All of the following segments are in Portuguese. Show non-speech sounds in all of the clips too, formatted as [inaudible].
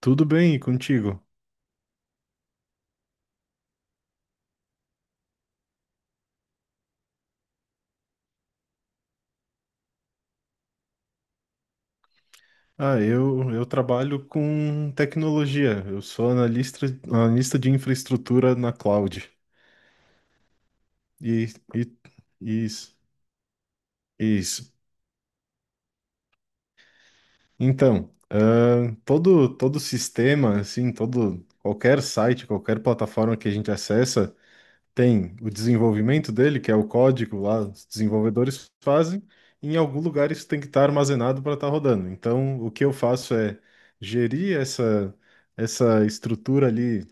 Tudo bem e contigo? Ah, eu trabalho com tecnologia. Eu sou analista de infraestrutura na cloud. E, e isso, isso. Então, todo sistema, assim, todo qualquer site, qualquer plataforma que a gente acessa tem o desenvolvimento dele, que é o código lá, os desenvolvedores fazem, e em algum lugar isso tem que estar armazenado para estar rodando. Então, o que eu faço é gerir essa estrutura ali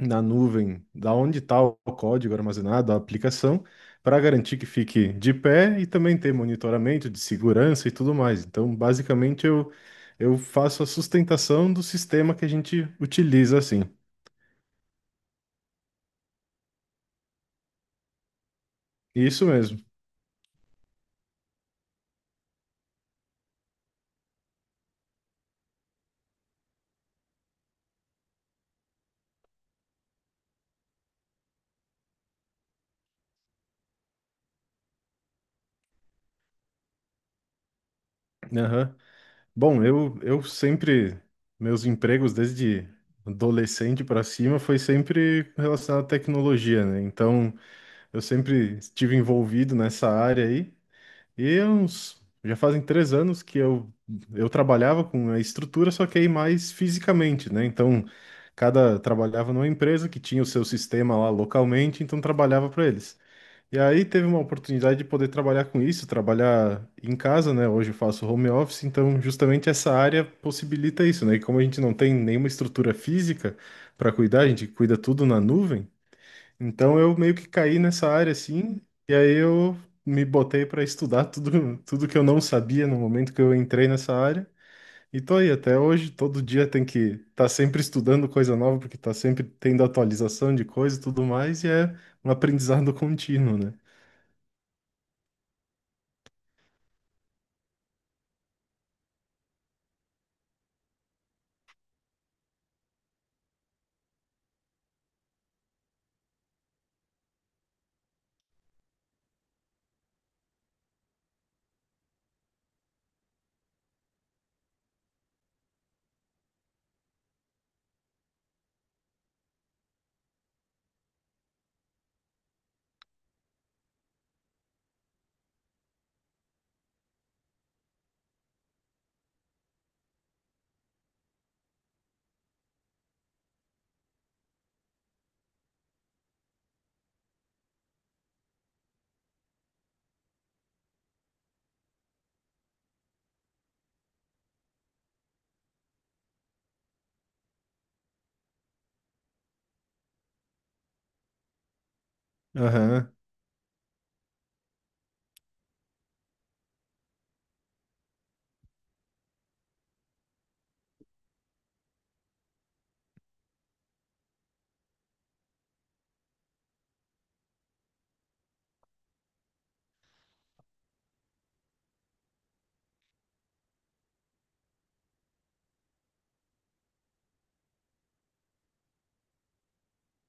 na nuvem, da onde está o código armazenado, a aplicação, para garantir que fique de pé e também ter monitoramento de segurança e tudo mais. Então, basicamente, eu faço a sustentação do sistema que a gente utiliza assim. Isso mesmo. Aham. Bom, eu sempre, meus empregos desde adolescente para cima foi sempre relacionado à tecnologia, né? Então, eu sempre estive envolvido nessa área aí. E há uns, já fazem 3 anos que eu trabalhava com a estrutura, só que aí mais fisicamente, né? Então, cada trabalhava numa empresa que tinha o seu sistema lá localmente, então trabalhava para eles. E aí teve uma oportunidade de poder trabalhar com isso, trabalhar em casa, né? Hoje eu faço home office, então justamente essa área possibilita isso, né? E como a gente não tem nenhuma estrutura física para cuidar, a gente cuida tudo na nuvem. Então eu meio que caí nessa área assim, e aí eu me botei para estudar tudo tudo que eu não sabia no momento que eu entrei nessa área. E tô aí até hoje, todo dia tem que estar tá sempre estudando coisa nova, porque tá sempre tendo atualização de coisa e tudo mais, e é um aprendizado contínuo, né? Aham,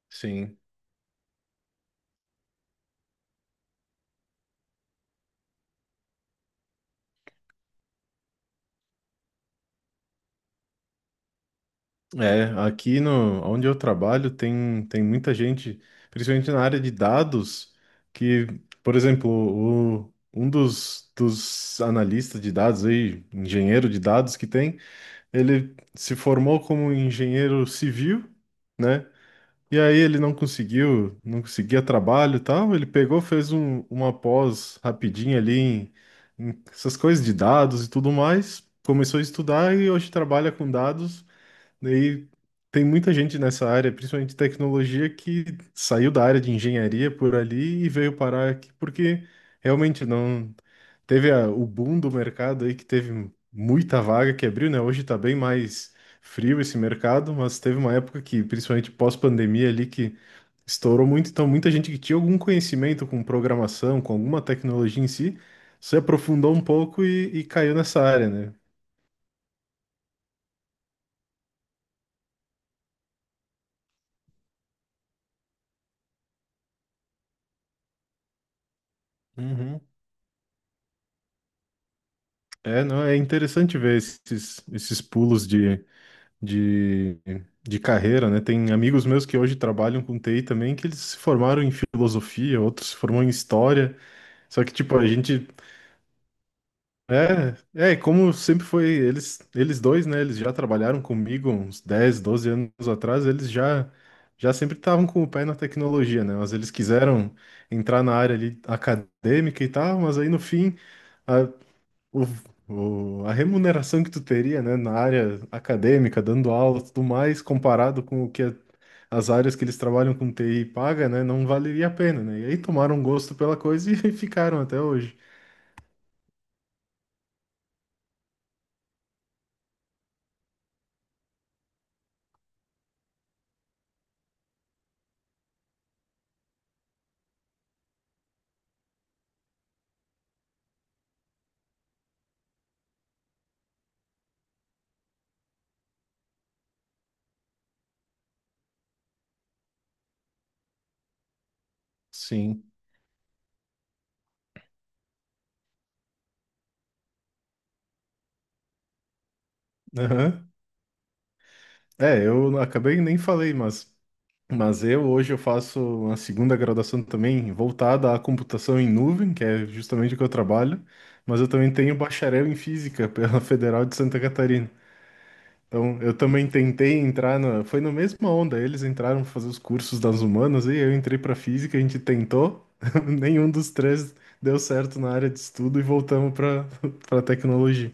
sim. É, aqui no, onde eu trabalho tem muita gente, principalmente na área de dados, que, por exemplo, um dos analistas de dados aí, engenheiro de dados que tem, ele se formou como engenheiro civil, né? E aí ele não conseguiu, não conseguia trabalho e tal. Ele pegou, fez uma pós rapidinha ali em essas coisas de dados e tudo mais. Começou a estudar e hoje trabalha com dados. Daí tem muita gente nessa área, principalmente tecnologia, que saiu da área de engenharia por ali e veio parar aqui porque realmente não. Teve o boom do mercado aí que teve muita vaga que abriu, né? Hoje tá bem mais frio esse mercado, mas teve uma época que, principalmente pós-pandemia ali, que estourou muito. Então, muita gente que tinha algum conhecimento com programação, com alguma tecnologia em si, se aprofundou um pouco e caiu nessa área, né? Uhum. É, não, é interessante ver esses pulos de, de carreira, né? Tem amigos meus que hoje trabalham com TI também, que eles se formaram em filosofia, outros se formaram em história. Só que, tipo, a gente. É, como sempre foi, eles dois, né? Eles já trabalharam comigo uns 10 12 anos atrás, eles já sempre estavam com o pé na tecnologia, né? Mas eles quiseram entrar na área ali acadêmica e tal, mas aí no fim, a, o, a remuneração que tu teria, né, na área acadêmica, dando aula e tudo mais, comparado com o que as áreas que eles trabalham com TI paga, né? Não valeria a pena, né? E aí tomaram gosto pela coisa e [laughs] ficaram até hoje. Sim. Aham. É, eu acabei nem falei, mas eu hoje eu faço uma segunda graduação também voltada à computação em nuvem, que é justamente o que eu trabalho, mas eu também tenho bacharel em física pela [laughs] Federal de Santa Catarina. Então, eu também tentei entrar foi na mesma onda, eles entraram pra fazer os cursos das humanas e eu entrei para física, a gente tentou, [laughs] nenhum dos três deu certo na área de estudo e voltamos para [laughs] tecnologia.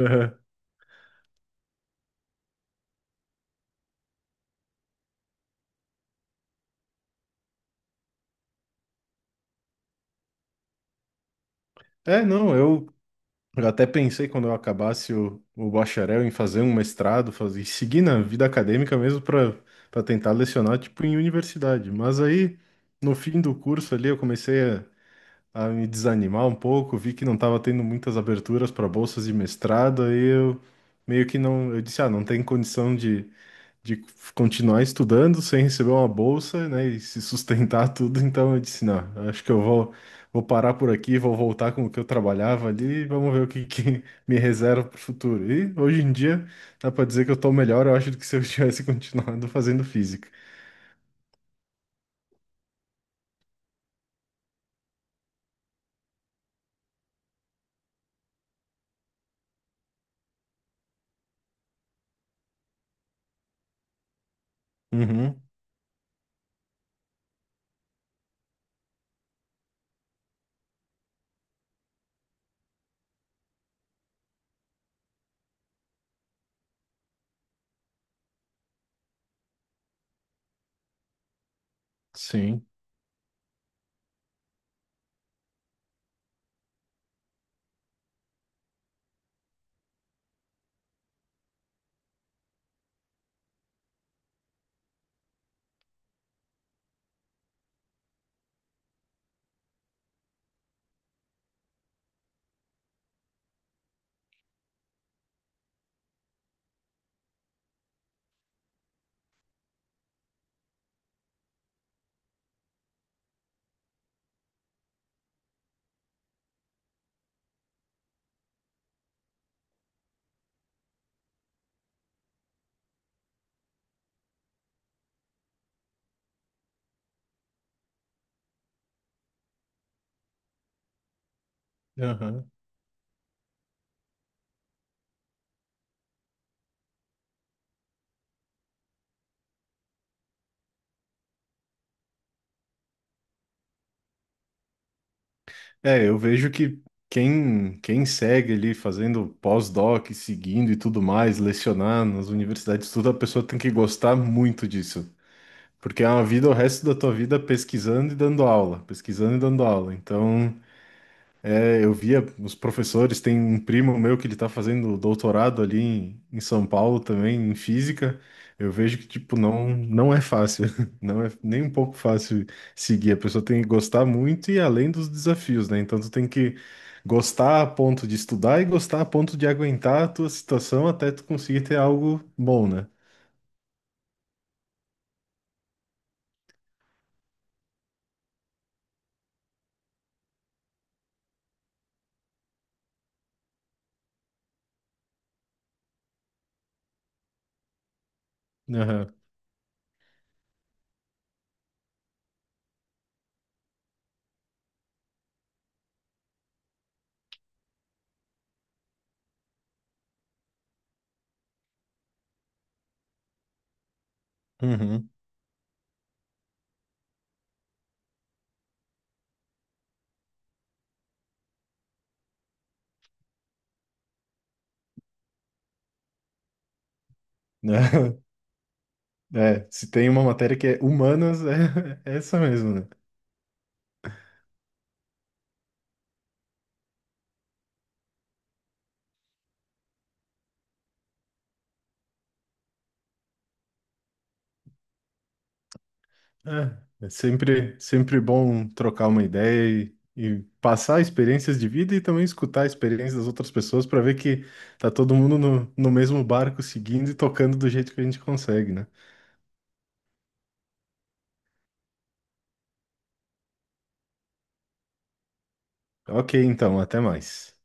Aham. É, não, Eu até pensei quando eu acabasse o bacharel em fazer um mestrado, seguir na vida acadêmica mesmo para tentar lecionar tipo em universidade. Mas aí no fim do curso ali eu comecei a me desanimar um pouco, vi que não estava tendo muitas aberturas para bolsas de mestrado, aí eu meio que não, eu disse, não tem condição de continuar estudando sem receber uma bolsa, né, e se sustentar [laughs] tudo. Então eu disse, não, eu acho que eu vou parar por aqui, vou voltar com o que eu trabalhava ali, e vamos ver o que, que me reserva para o futuro. E hoje em dia dá para dizer que eu estou melhor, eu acho, do que se eu tivesse [laughs] continuado fazendo física. Uhum, sim. Aham. É, eu vejo que quem segue ali fazendo pós-doc, seguindo e tudo mais, lecionar nas universidades, tudo, a pessoa tem que gostar muito disso. Porque é uma vida, o resto da tua vida pesquisando e dando aula, pesquisando e dando aula. Então, é, eu via os professores, tem um primo meu que ele está fazendo doutorado ali em São Paulo também, em física. Eu vejo que, tipo, não, não é fácil, [laughs] não é nem um pouco fácil seguir. A pessoa tem que gostar muito e além dos desafios, né? Então, tu tem que gostar a ponto de estudar e gostar a ponto de aguentar a tua situação até tu conseguir ter algo bom, né? Aham. Uhum. [laughs] É, se tem uma matéria que é humanas, é, [laughs] é essa mesmo, né? É, sempre, sempre bom trocar uma ideia e passar experiências de vida e também escutar a experiência das outras pessoas para ver que tá todo mundo no mesmo barco seguindo e tocando do jeito que a gente consegue, né? Ok, então, até mais.